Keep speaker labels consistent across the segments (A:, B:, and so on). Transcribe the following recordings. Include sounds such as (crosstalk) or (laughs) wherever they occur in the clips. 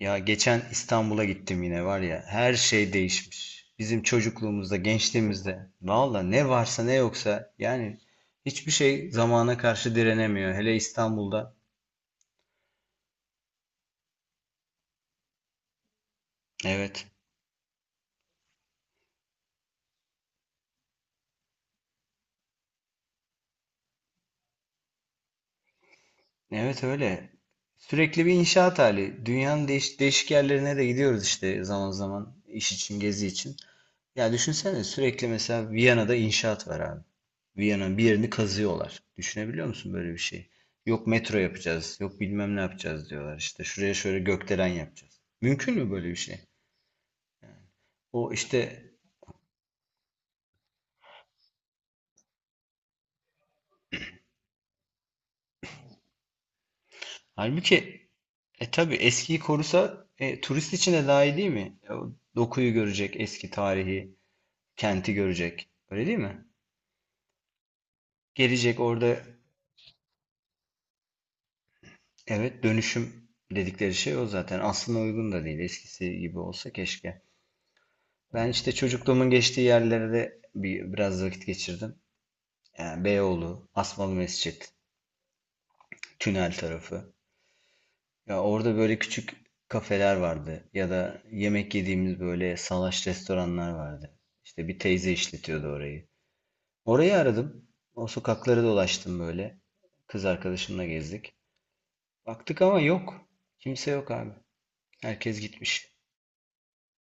A: Ya geçen İstanbul'a gittim yine var ya, her şey değişmiş. Bizim çocukluğumuzda, gençliğimizde valla ne varsa ne yoksa, yani hiçbir şey zamana karşı direnemiyor. Hele İstanbul'da. Evet. Evet, öyle. Sürekli bir inşaat hali. Dünyanın değişik yerlerine de gidiyoruz işte, zaman zaman iş için, gezi için. Ya düşünsene, sürekli mesela Viyana'da inşaat var abi. Viyana'nın bir yerini kazıyorlar. Düşünebiliyor musun böyle bir şey? Yok metro yapacağız, yok bilmem ne yapacağız diyorlar. İşte şuraya şöyle gökdelen yapacağız. Mümkün mü böyle bir şey? O işte, halbuki tabii eskiyi korusa, turist için de daha iyi değil mi? O dokuyu görecek, eski tarihi, kenti görecek. Öyle değil mi? Gelecek orada, evet, dönüşüm dedikleri şey o zaten. Aslına uygun da değil. Eskisi gibi olsa keşke. Ben işte çocukluğumun geçtiği yerlerde bir, biraz vakit geçirdim. Yani Beyoğlu, Asmalı Mescit, Tünel tarafı. Ya orada böyle küçük kafeler vardı ya da yemek yediğimiz böyle salaş restoranlar vardı. İşte bir teyze işletiyordu orayı. Orayı aradım. O sokakları dolaştım böyle. Kız arkadaşımla gezdik. Baktık ama yok. Kimse yok abi. Herkes gitmiş.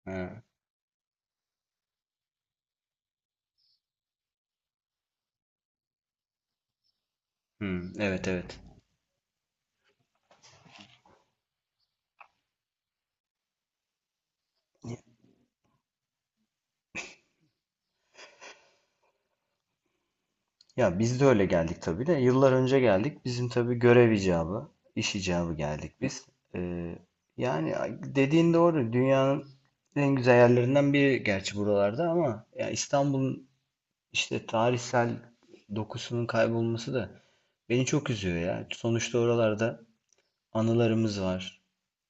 A: Ha. Evet, evet. Ya biz de öyle geldik tabii de. Yıllar önce geldik. Bizim tabii görev icabı, iş icabı geldik biz. Ee, yani dediğin doğru. Dünyanın en güzel yerlerinden biri gerçi buralarda, ama ya İstanbul'un işte tarihsel dokusunun kaybolması da beni çok üzüyor ya. Sonuçta oralarda anılarımız var.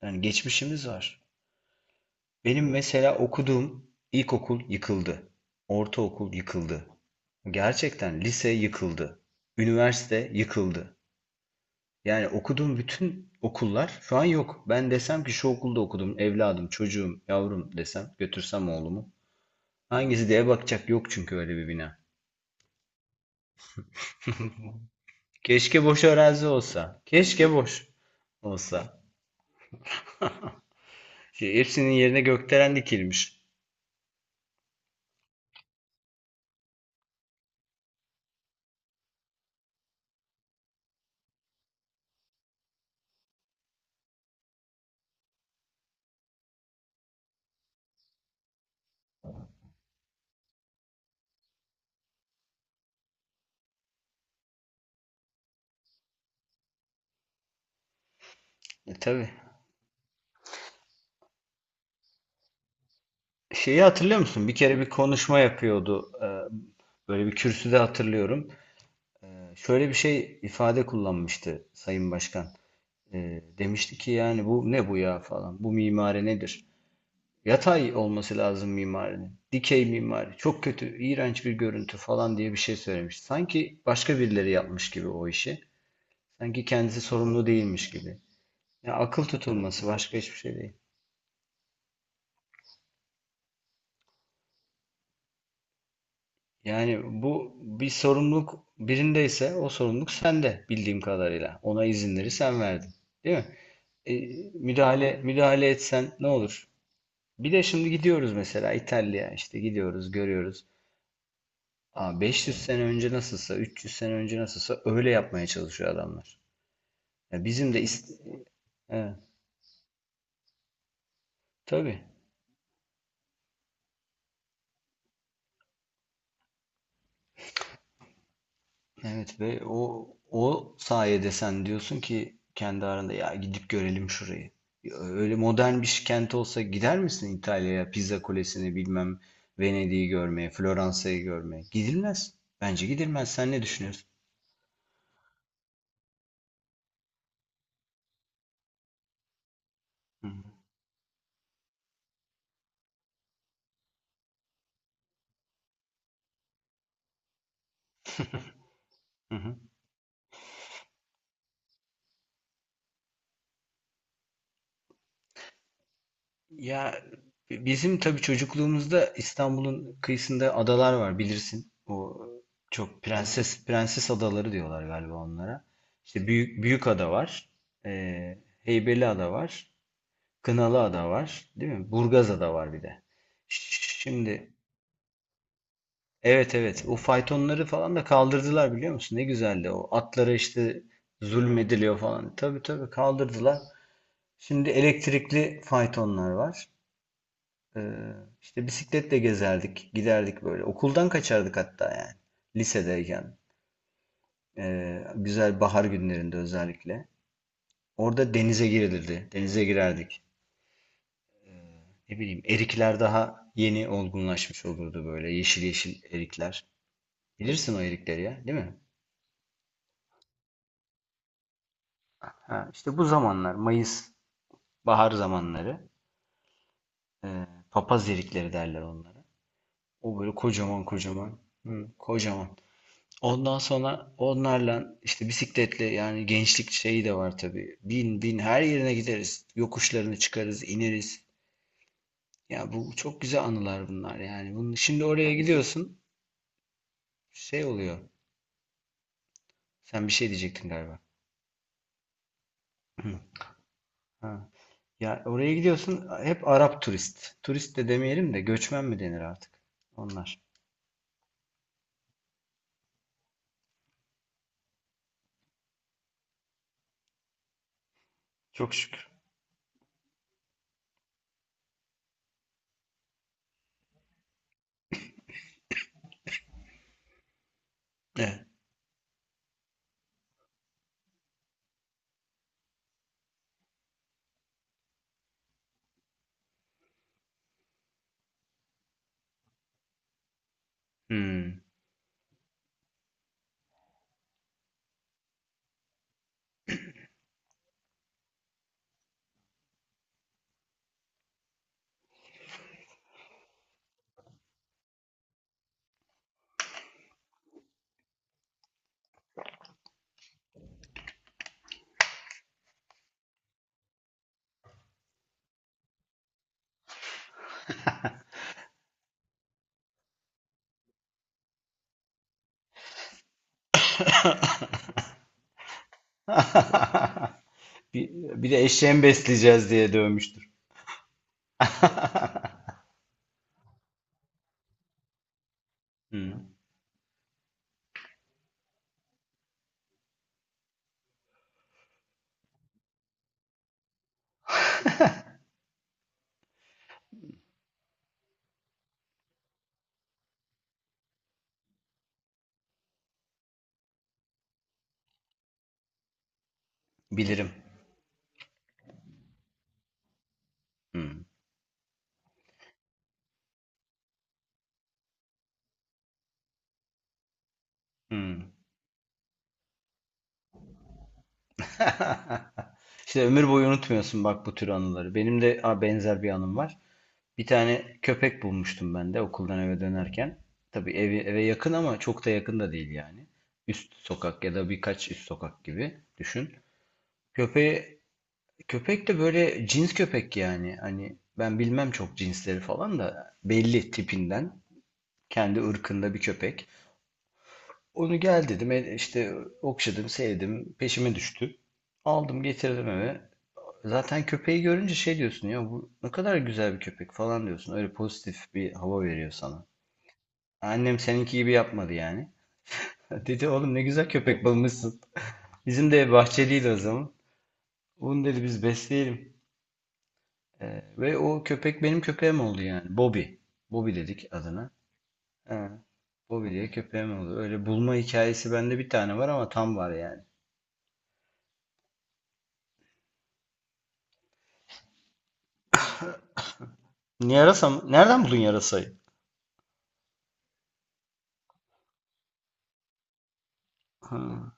A: Yani geçmişimiz var. Benim, evet, mesela okuduğum ilkokul yıkıldı. Ortaokul yıkıldı. Gerçekten, lise yıkıldı. Üniversite yıkıldı. Yani okuduğum bütün okullar şu an yok. Ben desem ki şu okulda okudum, evladım, çocuğum, yavrum desem, götürsem oğlumu. Hangisi diye bakacak yok, çünkü öyle bir bina. Keşke boş arazi olsa. Keşke boş olsa. Şey, hepsinin yerine gökdelen dikilmiş. E, tabii. Şeyi hatırlıyor musun? Bir kere bir konuşma yapıyordu. Böyle bir kürsüde hatırlıyorum. E, şöyle bir şey ifade kullanmıştı Sayın Başkan. Demişti ki yani bu ne bu ya falan. Bu mimari nedir? Yatay olması lazım mimarinin. Dikey mimari. Çok kötü, iğrenç bir görüntü falan diye bir şey söylemiş. Sanki başka birileri yapmış gibi o işi. Sanki kendisi sorumlu değilmiş gibi. Ya akıl tutulması, başka hiçbir şey değil. Yani bu bir sorumluluk birindeyse, o sorumluluk sende bildiğim kadarıyla. Ona izinleri sen verdin. Değil mi? E, müdahale etsen ne olur? Bir de şimdi gidiyoruz mesela İtalya'ya, işte gidiyoruz görüyoruz. Ama 500 sene önce nasılsa, 300 sene önce nasılsa öyle yapmaya çalışıyor adamlar. Ya bizim de ist, evet, tabii. Evet, ve o sayede sen diyorsun ki kendi aranda ya gidip görelim şurayı. Ya öyle modern bir kent olsa gider misin İtalya'ya, Pizza Kulesi'ni, bilmem, Venedik'i görmeye, Floransa'yı görmeye? Gidilmez. Bence gidilmez. Sen ne düşünüyorsun? Hı hı. Hı hı. Ya bizim tabii çocukluğumuzda İstanbul'un kıyısında adalar var, bilirsin. O çok, evet, prenses adaları diyorlar galiba onlara. İşte büyük büyük ada var. Ee, Heybeliada var. Kınalıada var, değil mi? Burgazada var bir de. Şimdi, evet, evet, o faytonları falan da kaldırdılar, biliyor musun? Ne güzeldi o. Atlara işte zulmediliyor falan. Tabii, tabii, kaldırdılar. Şimdi elektrikli faytonlar var. Ee, işte bisikletle gezerdik, giderdik böyle. Okuldan kaçardık hatta yani. Lisedeyken. Güzel bahar günlerinde özellikle. Orada denize girilirdi. Denize girerdik. Ne bileyim, erikler daha yeni olgunlaşmış olurdu böyle. Yeşil yeşil erikler. Bilirsin o erikleri ya, değil mi? Ha, işte bu zamanlar Mayıs, bahar zamanları. Ee, papaz erikleri derler onlara. O böyle kocaman kocaman. Hı, kocaman. Ondan sonra onlarla işte bisikletle, yani gençlik şeyi de var tabii. Bin her yerine gideriz. Yokuşlarını çıkarız, ineriz. Ya bu çok güzel anılar bunlar yani. Bunu, şimdi oraya gidiyorsun, şey oluyor. Sen bir şey diyecektin galiba. Hı, ha. Ya oraya gidiyorsun, hep Arap turist. Turist de demeyelim de göçmen mi denir artık? Onlar. Çok şükür. Evet. Hmm. (laughs) Bir, bir de eşeğimi besleyeceğiz diye dövmüştür. (laughs) Hmm. Bilirim. Hmm. Hmm. (laughs) İşte ömür boyu unutmuyorsun bak bu tür anıları. Benim de a, benzer bir anım var. Bir tane köpek bulmuştum ben de okuldan eve dönerken. Tabii evi, eve yakın ama çok da yakın da değil yani. Üst sokak ya da birkaç üst sokak gibi düşün. Köpeği, köpek de böyle cins köpek yani. Hani ben bilmem, çok cinsleri falan da belli tipinden. Kendi ırkında bir köpek. Onu gel dedim, işte okşadım, sevdim, peşime düştü. Aldım, getirdim eve. Zaten köpeği görünce şey diyorsun ya, bu ne kadar güzel bir köpek falan diyorsun. Öyle pozitif bir hava veriyor sana. Annem seninki gibi yapmadı yani. (laughs) Dedi oğlum ne güzel köpek bulmuşsun. Bizim de bahçeliydi o zaman. Bunu dedi biz besleyelim. Ve o köpek benim köpeğim oldu yani. Bobby. Bobby dedik adına. He, Bobby diye köpeğim oldu. Öyle bulma hikayesi bende bir tane var ama tam var yani. Yarasa mı? Nereden buldun yarasayı? Ha.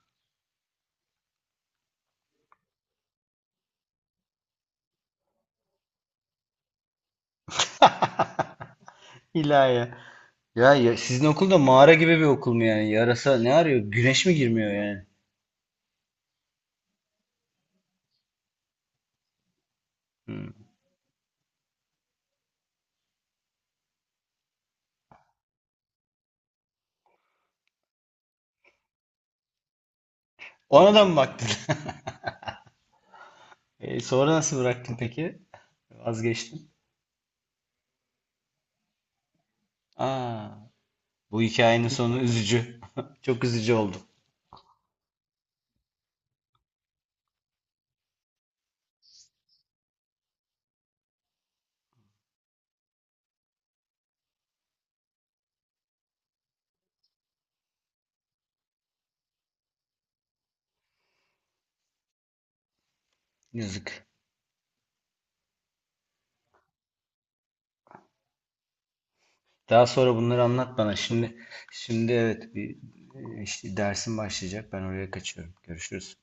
A: (laughs) İlahi. Ya, ya sizin okul da mağara gibi bir okul mu yani? Yarasa ne arıyor? Güneş mi girmiyor yani? Hmm. Ona da mı baktın? (laughs) E, sonra nasıl bıraktın peki? Vazgeçtin. Aa, bu hikayenin sonu üzücü. (laughs) Çok üzücü oldu. Yazık. Daha sonra bunları anlat bana. Şimdi, şimdi evet bir, işte dersim başlayacak. Ben oraya kaçıyorum. Görüşürüz.